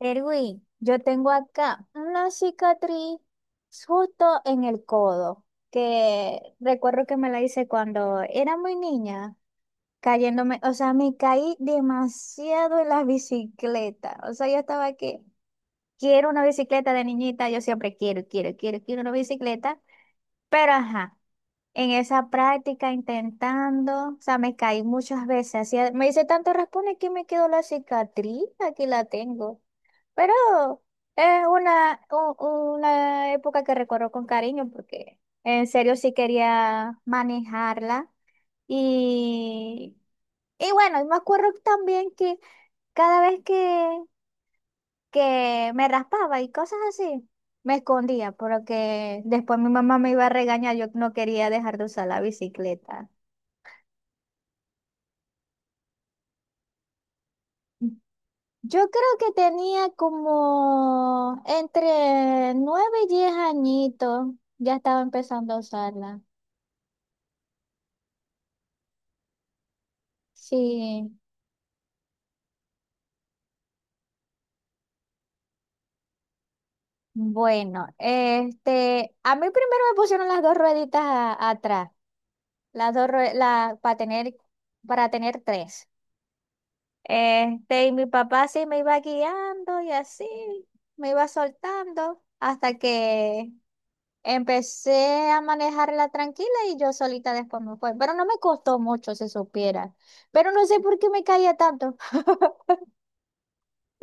Erwin, yo tengo acá una cicatriz justo en el codo, que recuerdo que me la hice cuando era muy niña, cayéndome, o sea, me caí demasiado en la bicicleta, o sea, yo estaba que quiero una bicicleta de niñita, yo siempre quiero, quiero, quiero, quiero una bicicleta, pero ajá, en esa práctica intentando, o sea, me caí muchas veces, me hice tanto raspones que me quedó la cicatriz, aquí la tengo. Pero es una época que recuerdo con cariño porque en serio sí quería manejarla. Y, y bueno, me acuerdo también que cada vez que me raspaba y cosas así, me escondía porque después mi mamá me iba a regañar, yo no quería dejar de usar la bicicleta. Yo creo que tenía como entre 9 y 10 añitos, ya estaba empezando a usarla. Sí, bueno, este, a mí primero me pusieron las dos rueditas atrás, las dos rue- la, para tener tres. Este, y mi papá sí me iba guiando y así, me iba soltando hasta que empecé a manejarla tranquila y yo solita después me fue. Pero no me costó mucho, se supiera. Pero no sé por qué me caía tanto.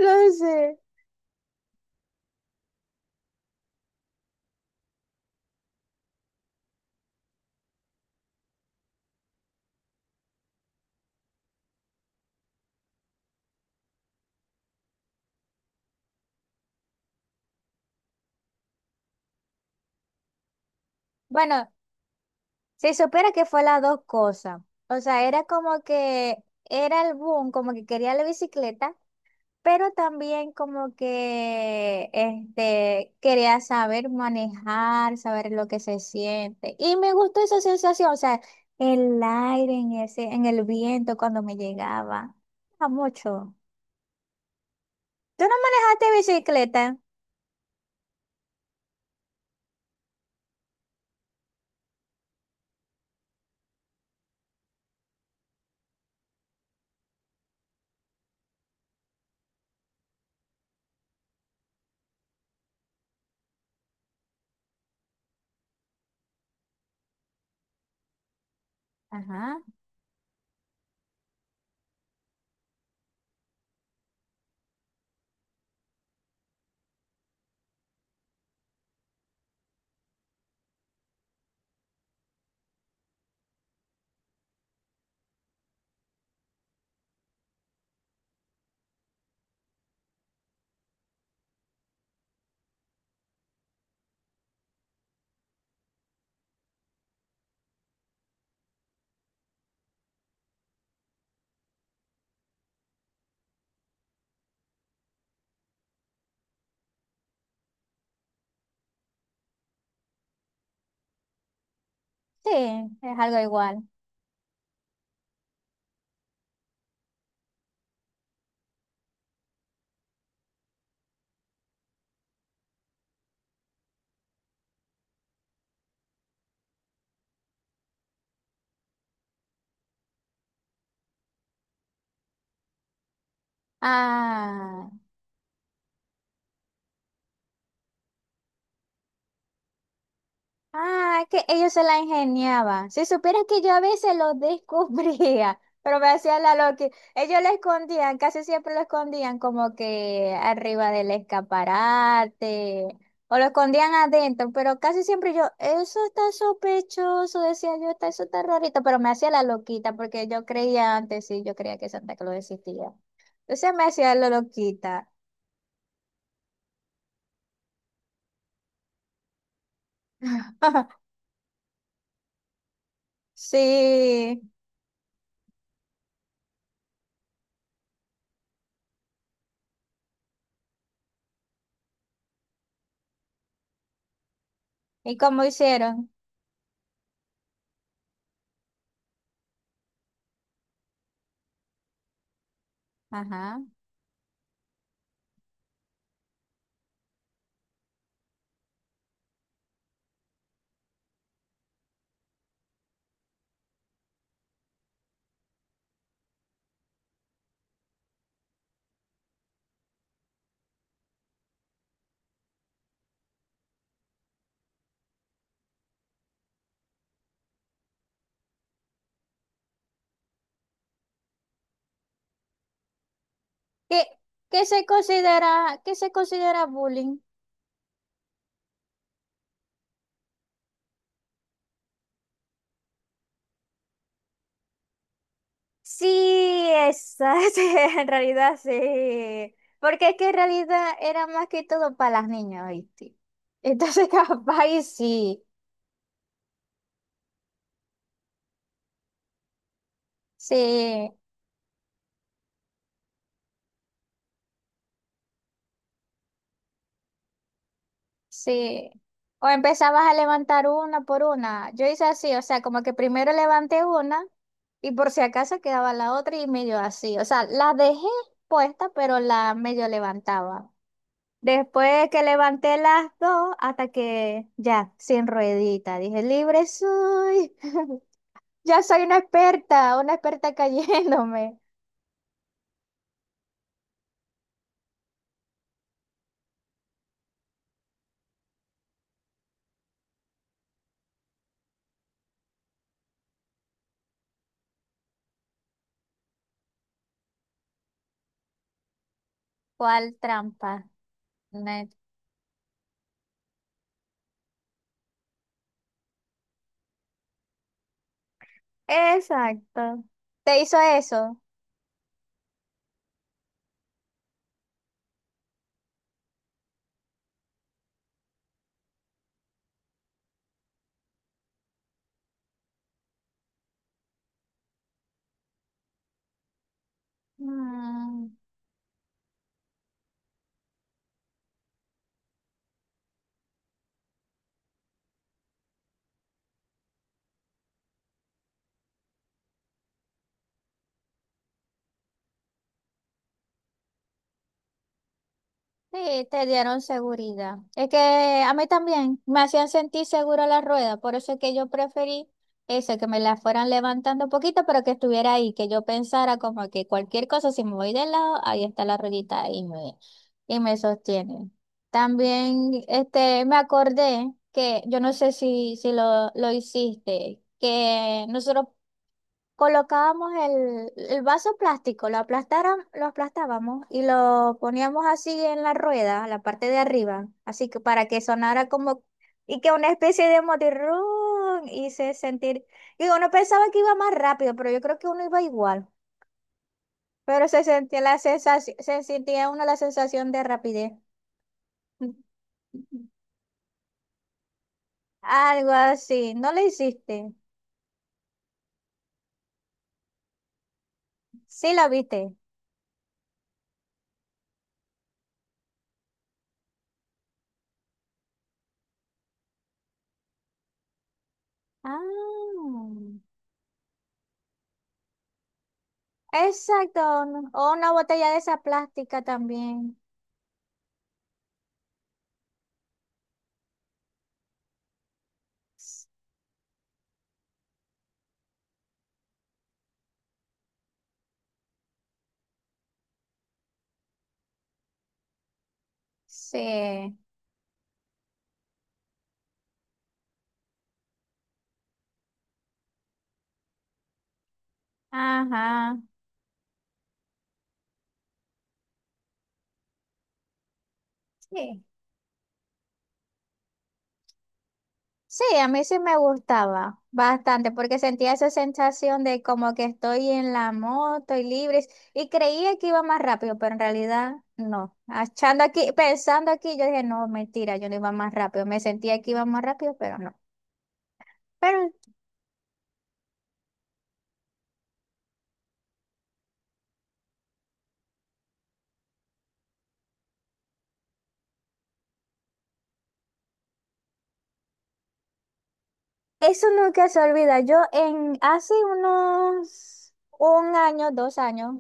No sé. Bueno, si supiera que fue las dos cosas. O sea, era como que era el boom, como que quería la bicicleta, pero también como que este, quería saber manejar, saber lo que se siente. Y me gustó esa sensación, o sea, el aire en ese, en el viento cuando me llegaba. A mucho. ¿Tú no manejaste bicicleta? Ajá. Sí, es algo igual. Ah. Ah, que ellos se la ingeniaban. Si supieras que yo a veces lo descubría, pero me hacía la loca. Ellos lo escondían, casi siempre lo escondían como que arriba del escaparate o lo escondían adentro, pero casi siempre yo, eso está sospechoso, decía yo, está, eso está rarito, pero me hacía la loquita porque yo creía antes, sí, yo creía que Santa Claus existía. Entonces me hacía la loquita. Sí, ¿y cómo hicieron? Ajá. ¿Qué, qué se considera bullying? Sí, esa, sí, en realidad sí. Porque es que en realidad era más que todo para las niñas, ¿viste? Entonces, capaz y sí, sí, sí. O empezabas a levantar una por una. Yo hice así, o sea, como que primero levanté una y por si acaso quedaba la otra y medio así. O sea, la dejé puesta, pero la medio levantaba. Después que levanté las dos, hasta que ya, sin ruedita, dije, libre soy, ya soy una experta cayéndome. ¿Cuál trampa? Ne- Exacto. ¿Te hizo eso? Mm, sí, te dieron seguridad. Es que a mí también me hacían sentir segura la rueda, por eso es que yo preferí eso, que me la fueran levantando un poquito, pero que estuviera ahí, que yo pensara como que cualquier cosa, si me voy de lado, ahí está la ruedita y me sostiene. También este, me acordé que, yo no sé si lo hiciste, que nosotros colocábamos el vaso plástico, lo aplastaron, lo aplastábamos y lo poníamos así en la rueda, la parte de arriba, así que para que sonara como y que una especie de motirrón y se sentir. Y uno pensaba que iba más rápido, pero yo creo que uno iba igual. Pero se sentía la sensación, se sentía uno la sensación de rapidez. Algo así. ¿No lo hiciste? Sí lo viste. Ah. Exacto, o una botella de esa plástica también. S- Sí, ajá. Sí. Sí, a mí sí me gustaba bastante porque sentía esa sensación de como que estoy en la moto y libre y creía que iba más rápido, pero en realidad no. Achando aquí, pensando aquí, yo dije, no, mentira, yo no iba más rápido. Me sentía que iba más rápido, pero no. Pero eso nunca se olvida. Yo en hace unos un año, 2 años.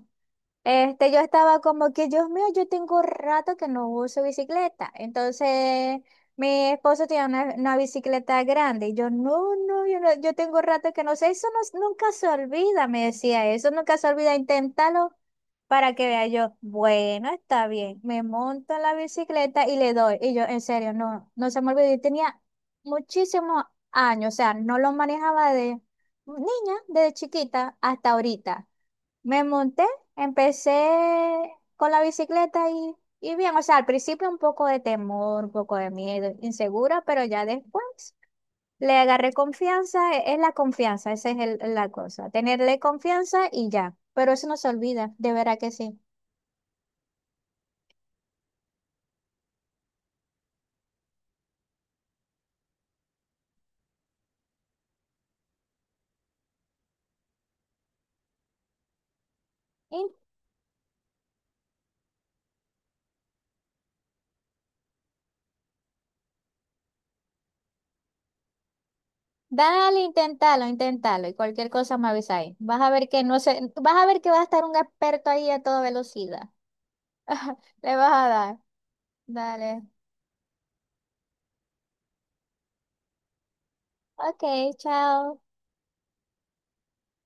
Este, yo estaba como que, Dios mío, yo tengo rato que no uso bicicleta. Entonces, mi esposo tiene una bicicleta grande. Y yo, no, no, yo no, yo tengo rato que no sé. Eso nunca se olvida, me decía eso, nunca se olvida, inténtalo para que vea yo. Bueno, está bien. Me monto en la bicicleta y le doy. Y yo, en serio, no, no se me olvidó. Y tenía muchísimos años, o sea, no lo manejaba de niña, desde chiquita hasta ahorita. Me monté, empecé con la bicicleta y bien, o sea, al principio un poco de temor, un poco de miedo, insegura, pero ya después le agarré confianza, es la confianza, esa es la cosa, tenerle confianza y ya, pero eso no se olvida, de verdad que sí. Y dale, inténtalo, inténtalo y cualquier cosa me avisa ahí. Vas a ver que no sé, vas a ver que va a estar un experto ahí a toda velocidad. Le vas a dar. Dale. Ok, chao.